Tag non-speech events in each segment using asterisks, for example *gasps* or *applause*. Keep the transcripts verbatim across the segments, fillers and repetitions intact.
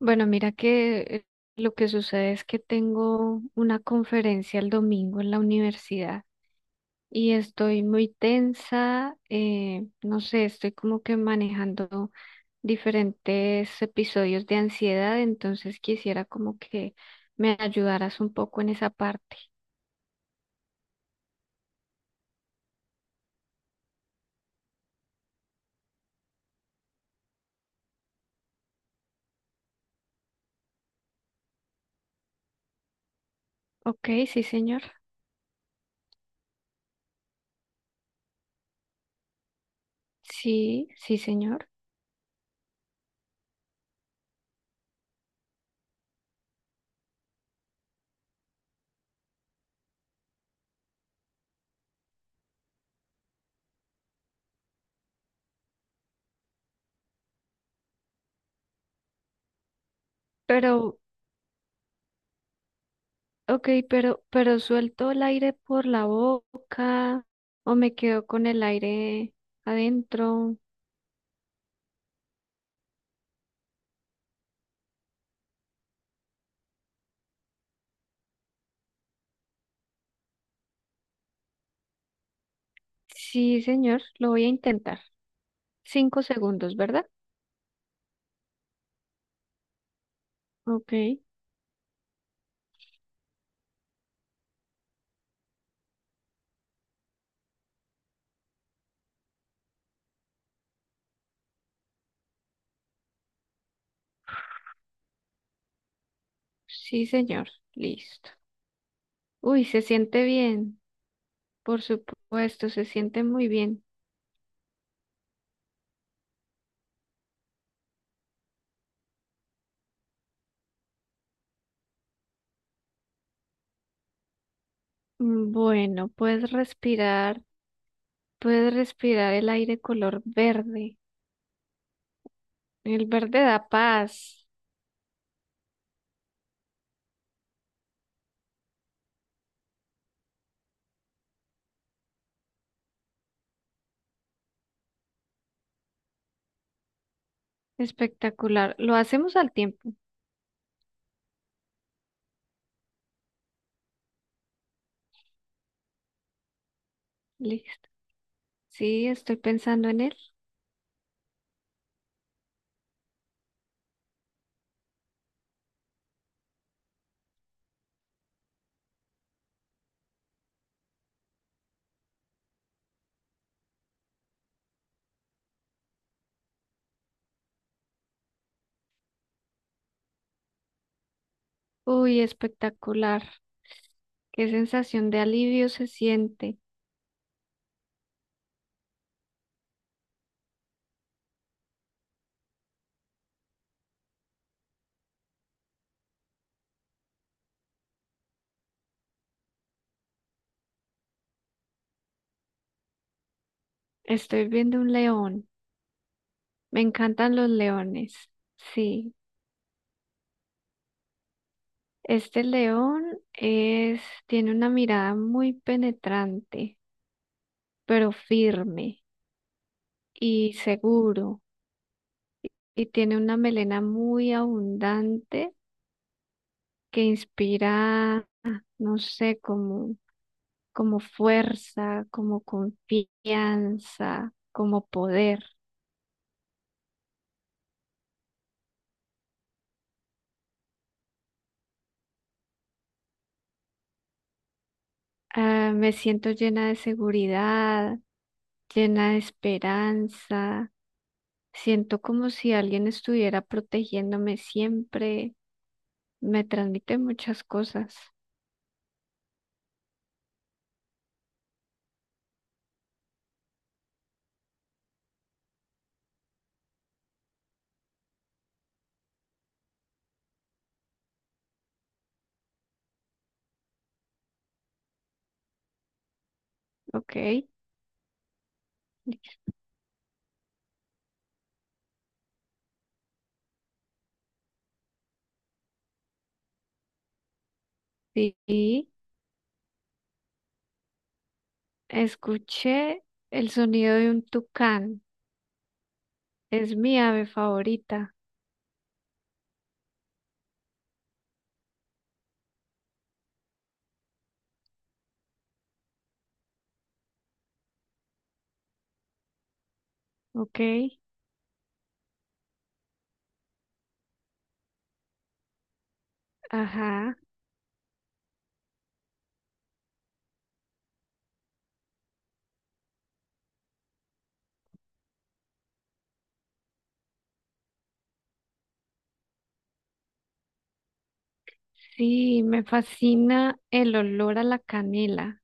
Bueno, mira que eh, lo que sucede es que tengo una conferencia el domingo en la universidad y estoy muy tensa, eh, no sé, estoy como que manejando diferentes episodios de ansiedad, entonces quisiera como que me ayudaras un poco en esa parte. Ok, sí, señor. Sí, sí, señor. Pero Ok, pero, pero suelto el aire por la boca o me quedo con el aire adentro. Sí, señor, lo voy a intentar. Cinco segundos, ¿verdad? Ok, sí, señor, listo. Uy, se siente bien, por supuesto, se siente muy bien. Mm, Bueno, puedes respirar, puedes respirar el aire color verde. El verde da paz. Espectacular. Lo hacemos al tiempo. Listo. Sí, estoy pensando en él. Uy, espectacular. Qué sensación de alivio se siente. Estoy viendo un león. Me encantan los leones. Sí, este león es, tiene una mirada muy penetrante, pero firme y seguro. Y tiene una melena muy abundante que inspira, no sé, como, como fuerza, como confianza, como poder. Ah, me siento llena de seguridad, llena de esperanza. Siento como si alguien estuviera protegiéndome siempre. Me transmite muchas cosas. Ok. Sí, escuché el sonido de un tucán. Es mi ave favorita. Ok. Ajá. Sí, me fascina el olor a la canela.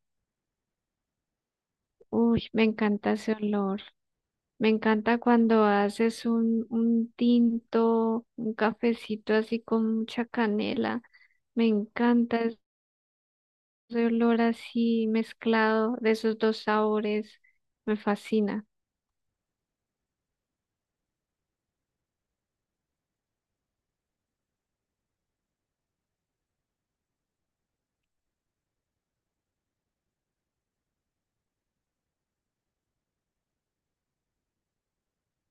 Uy, me encanta ese olor. Me encanta cuando haces un, un tinto, un cafecito así con mucha canela. Me encanta ese olor así mezclado de esos dos sabores. Me fascina.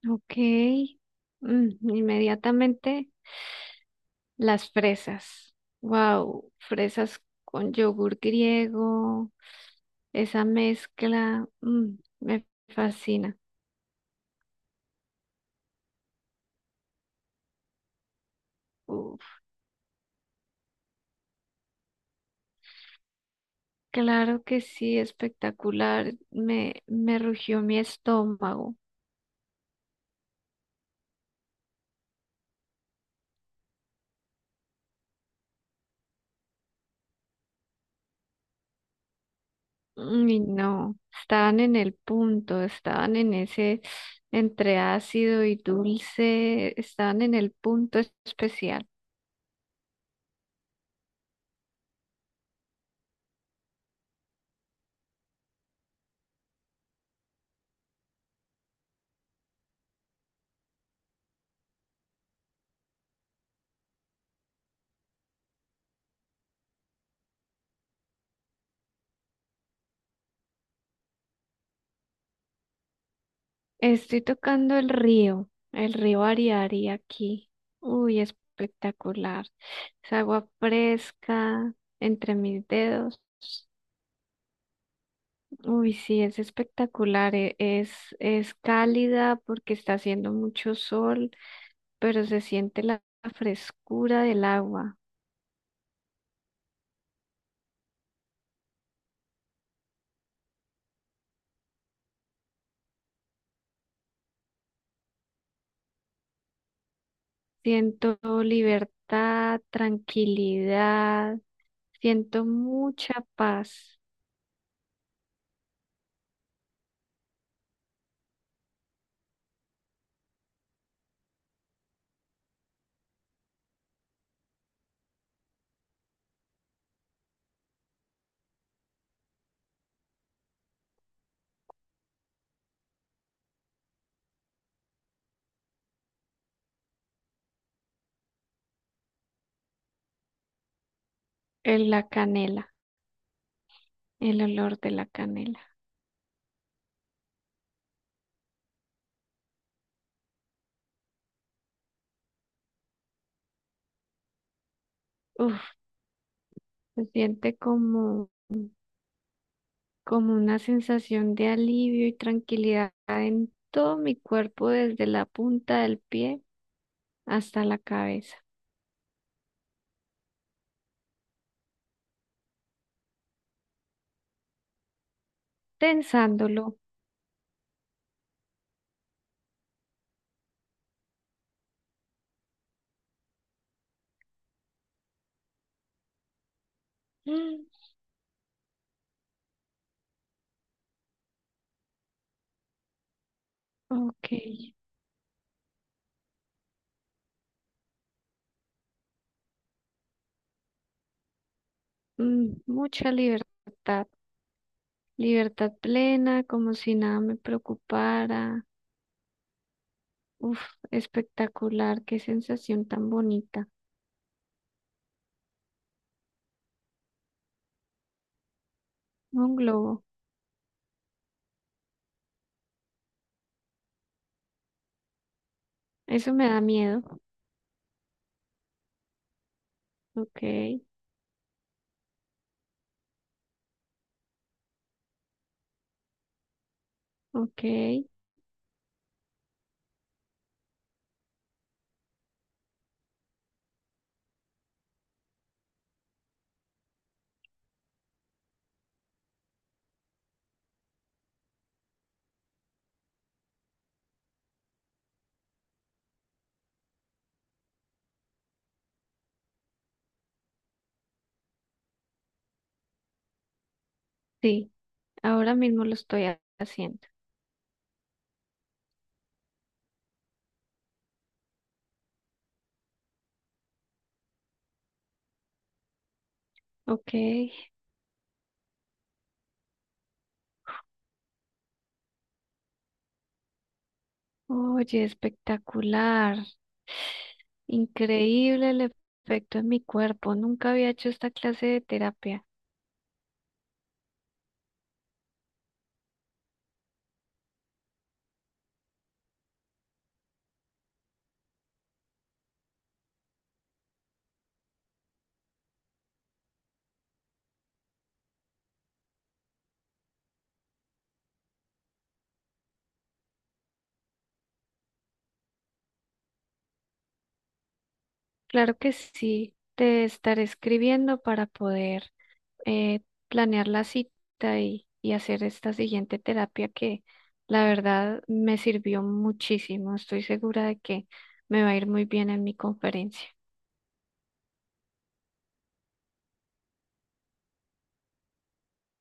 Ok. Mm, inmediatamente las fresas. Wow, fresas con yogur griego. Esa mezcla, mm, me fascina. Claro que sí, espectacular. Me, me rugió mi estómago. Y no, estaban en el punto, estaban en ese entre ácido y dulce, estaban en el punto especial. Estoy tocando el río, el río Ariari aquí. Uy, espectacular. Es agua fresca entre mis dedos. Uy, sí, es espectacular. e- Es, es cálida porque está haciendo mucho sol, pero se siente la frescura del agua. Siento libertad, tranquilidad, siento mucha paz en la canela, el olor de la canela. Uf, se siente como, como una sensación de alivio y tranquilidad en todo mi cuerpo, desde la punta del pie hasta la cabeza. Pensándolo, mm, *gasps* ok, mm, mucha libertad. Libertad plena, como si nada me preocupara. Uf, espectacular, qué sensación tan bonita. Un globo, eso me da miedo. Ok, ok, sí, ahora mismo lo estoy ha- haciendo. Ok, oye, espectacular, increíble el efecto en mi cuerpo. Nunca había hecho esta clase de terapia. Claro que sí, te estaré escribiendo para poder eh, planear la cita y, y hacer esta siguiente terapia que la verdad me sirvió muchísimo. Estoy segura de que me va a ir muy bien en mi conferencia.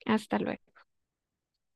Hasta luego.